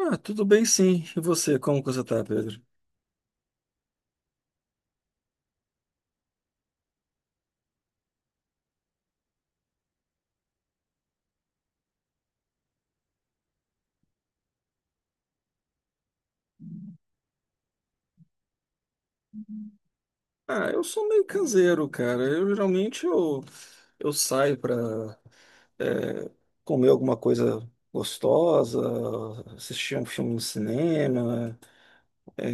Ah, tudo bem sim. E você, como que você tá, Pedro? Ah, eu sou meio caseiro, cara. Eu geralmente eu saio pra é, comer alguma coisa gostosa, assistir um filme no cinema. é,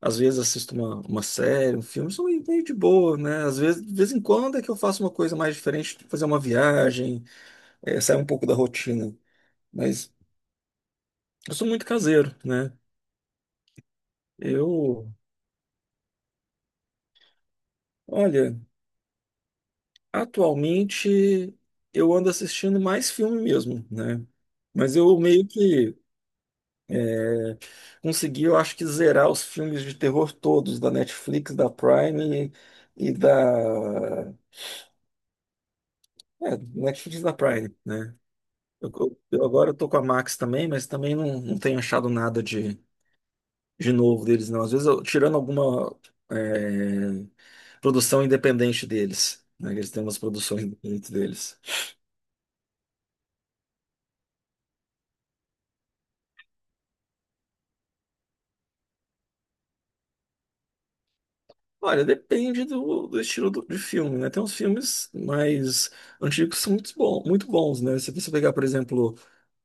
Às vezes assisto uma série, um filme, sou meio de boa, né? Às vezes, de vez em quando é que eu faço uma coisa mais diferente, tipo fazer uma viagem, sair um pouco da rotina. Mas eu sou muito caseiro, né? Eu, olha. Atualmente eu ando assistindo mais filme mesmo, né? Mas eu meio que consegui, eu acho que zerar os filmes de terror todos da Netflix, da Prime e, da Netflix e da Prime, né? Eu agora tô com a Max também, mas também não tenho achado nada de novo deles, não. Às vezes eu tirando alguma é, produção independente deles, né? Eles têm umas produções independentes deles. Olha, depende do estilo de filme, né? Tem uns filmes mais antigos que são muito, bom, muito bons, né? Se você pegar, por exemplo,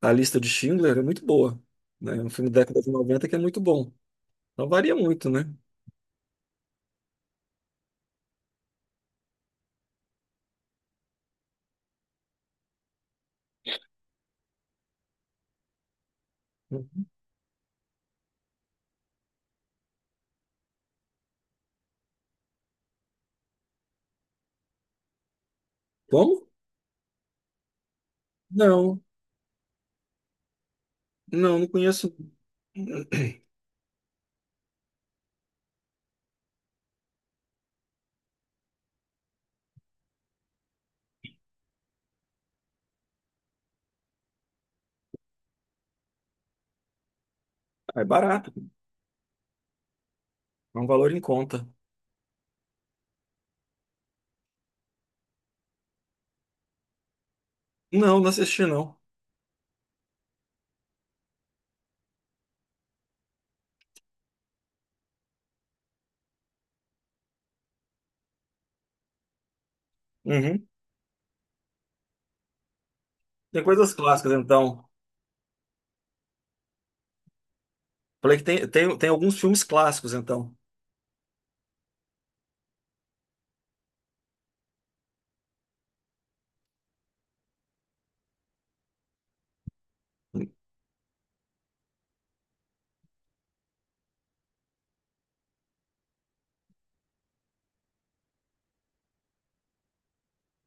A Lista de Schindler, é muito boa, né? É um filme da década de 90 que é muito bom. Não varia muito, né? Como? Não, não, não conheço. Ah, é barato, é um valor em conta. Não, não assisti, não. Uhum. Tem coisas clássicas, então. Falei que tem alguns filmes clássicos, então.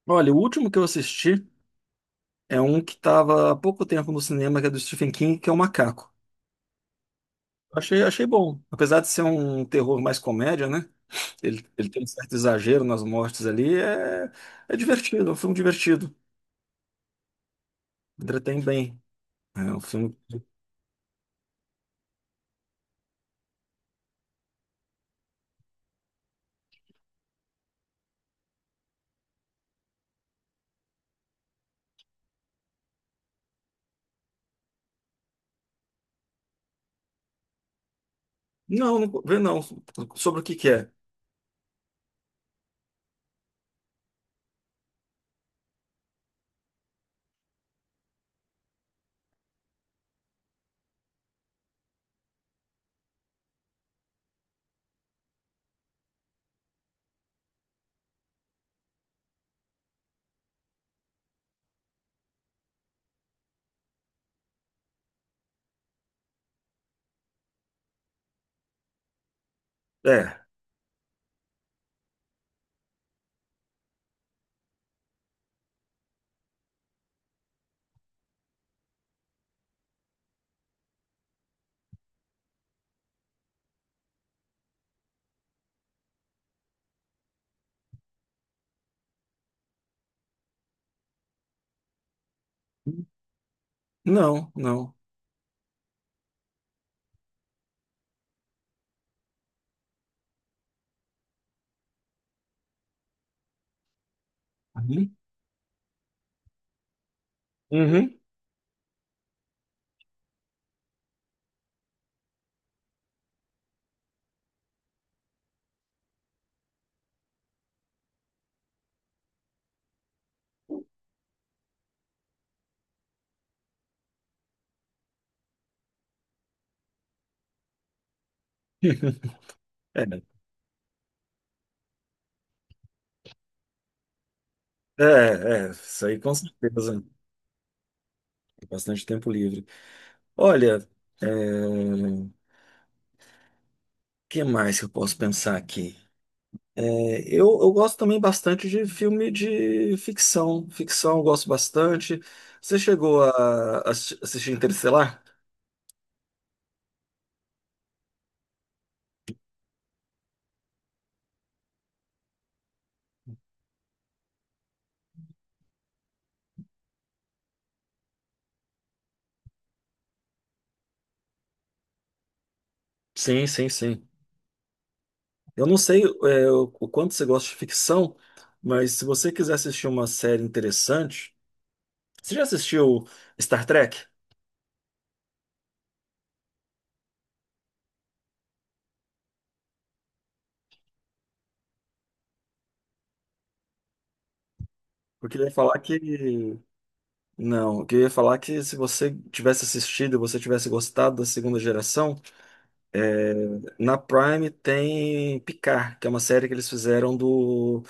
Olha, o último que eu assisti é um que estava há pouco tempo no cinema, que é do Stephen King, que é o Macaco. Achei bom. Apesar de ser um terror mais comédia, né? Ele tem um certo exagero nas mortes ali. É divertido, é um filme divertido. Entretém bem. É um filme. Não, não vê não. Sobre o que que é? É. Não, não. Uhum. Uhum. É, É, isso aí com certeza. Tem bastante tempo livre. Olha, é, o que mais que eu posso pensar aqui? Eu gosto também bastante de filme de ficção. Ficção eu gosto bastante. Você chegou a assistir Interestelar? Sim, sim, sim. Eu não sei, é, o quanto você gosta de ficção, mas se você quiser assistir uma série interessante, você já assistiu Star Trek? Porque ele ia falar que. Não, eu queria falar que se você tivesse assistido, você tivesse gostado da segunda geração, é, na Prime tem Picard, que é uma série que eles fizeram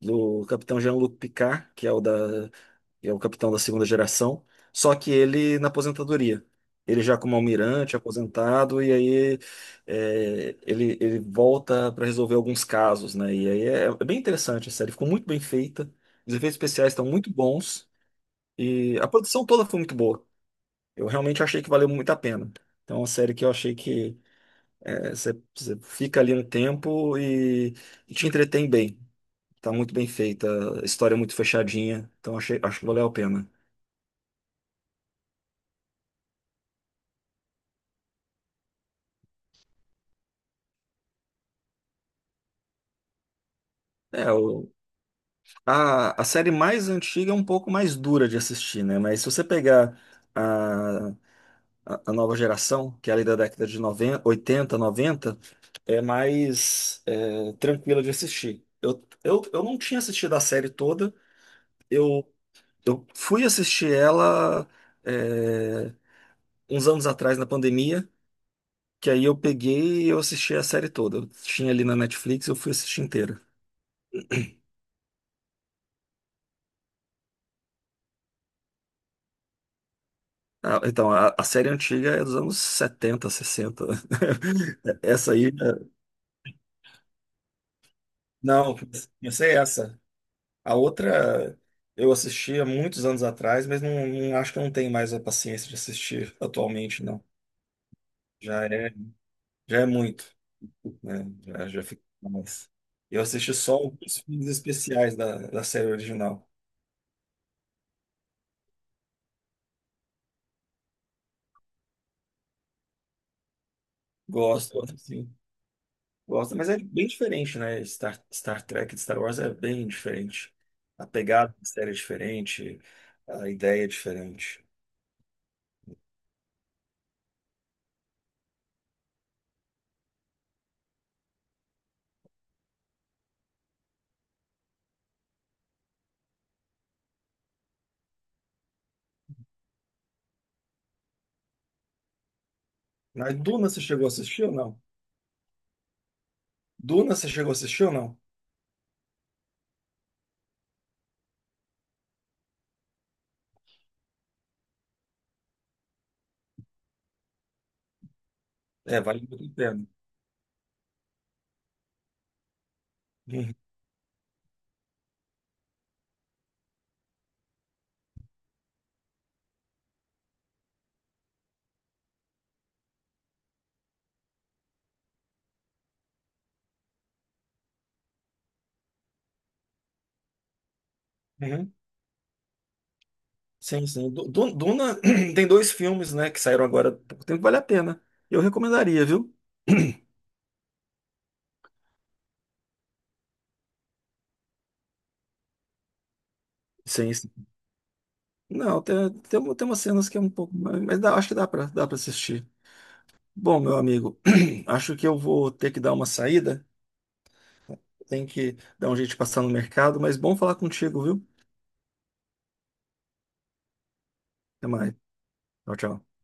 do capitão Jean-Luc Picard, que é o da, que é o capitão da segunda geração, só que ele na aposentadoria. Ele já como almirante, aposentado, e aí é, ele volta para resolver alguns casos, né? E aí é, é bem interessante a série, ficou muito bem feita, os efeitos especiais estão muito bons, e a produção toda foi muito boa. Eu realmente achei que valeu muito a pena. Então, é uma série que eu achei que é, você fica ali um tempo e te entretém bem. Tá muito bem feita, a história é muito fechadinha, então achei, acho que valeu a pena. É, o, a série mais antiga é um pouco mais dura de assistir, né? Mas se você pegar a, a nova geração, que é ali da década de 90, 80, 90, é mais é, tranquila de assistir. Eu não tinha assistido a série toda, eu, eu fui assistir ela é, uns anos atrás na pandemia, que aí eu peguei e eu assisti a série toda. Eu tinha ali na Netflix, eu fui assistir inteira. Ah, então, a série antiga é dos anos 70 sessenta. Essa aí. Não, comecei essa. A outra eu assisti há muitos anos atrás, mas acho que eu não tenho mais a paciência de assistir atualmente, não. Já é, Já é muito, né? Já fica mais. Eu assisti só alguns filmes especiais da série original. Gosto, assim. Gosto, mas é bem diferente, né? Star Trek de Star Wars é bem diferente. A pegada da série é diferente, a ideia é diferente. Mas Duna você chegou a assistir ou não? Duna você chegou a assistir ou não? É, vale muito a pena. Uhum. Uhum. Sim, sim. Duna tem dois filmes, né, que saíram agora há pouco tempo, vale a pena. Eu recomendaria, viu? Sim, sim. Não, tem umas cenas que é um pouco mais. Acho que dá pra assistir. Bom, meu amigo, acho que eu vou ter que dar uma saída. Tem que dar um jeito de passar no mercado, mas bom falar contigo, viu? Até mais. Tchau, tchau.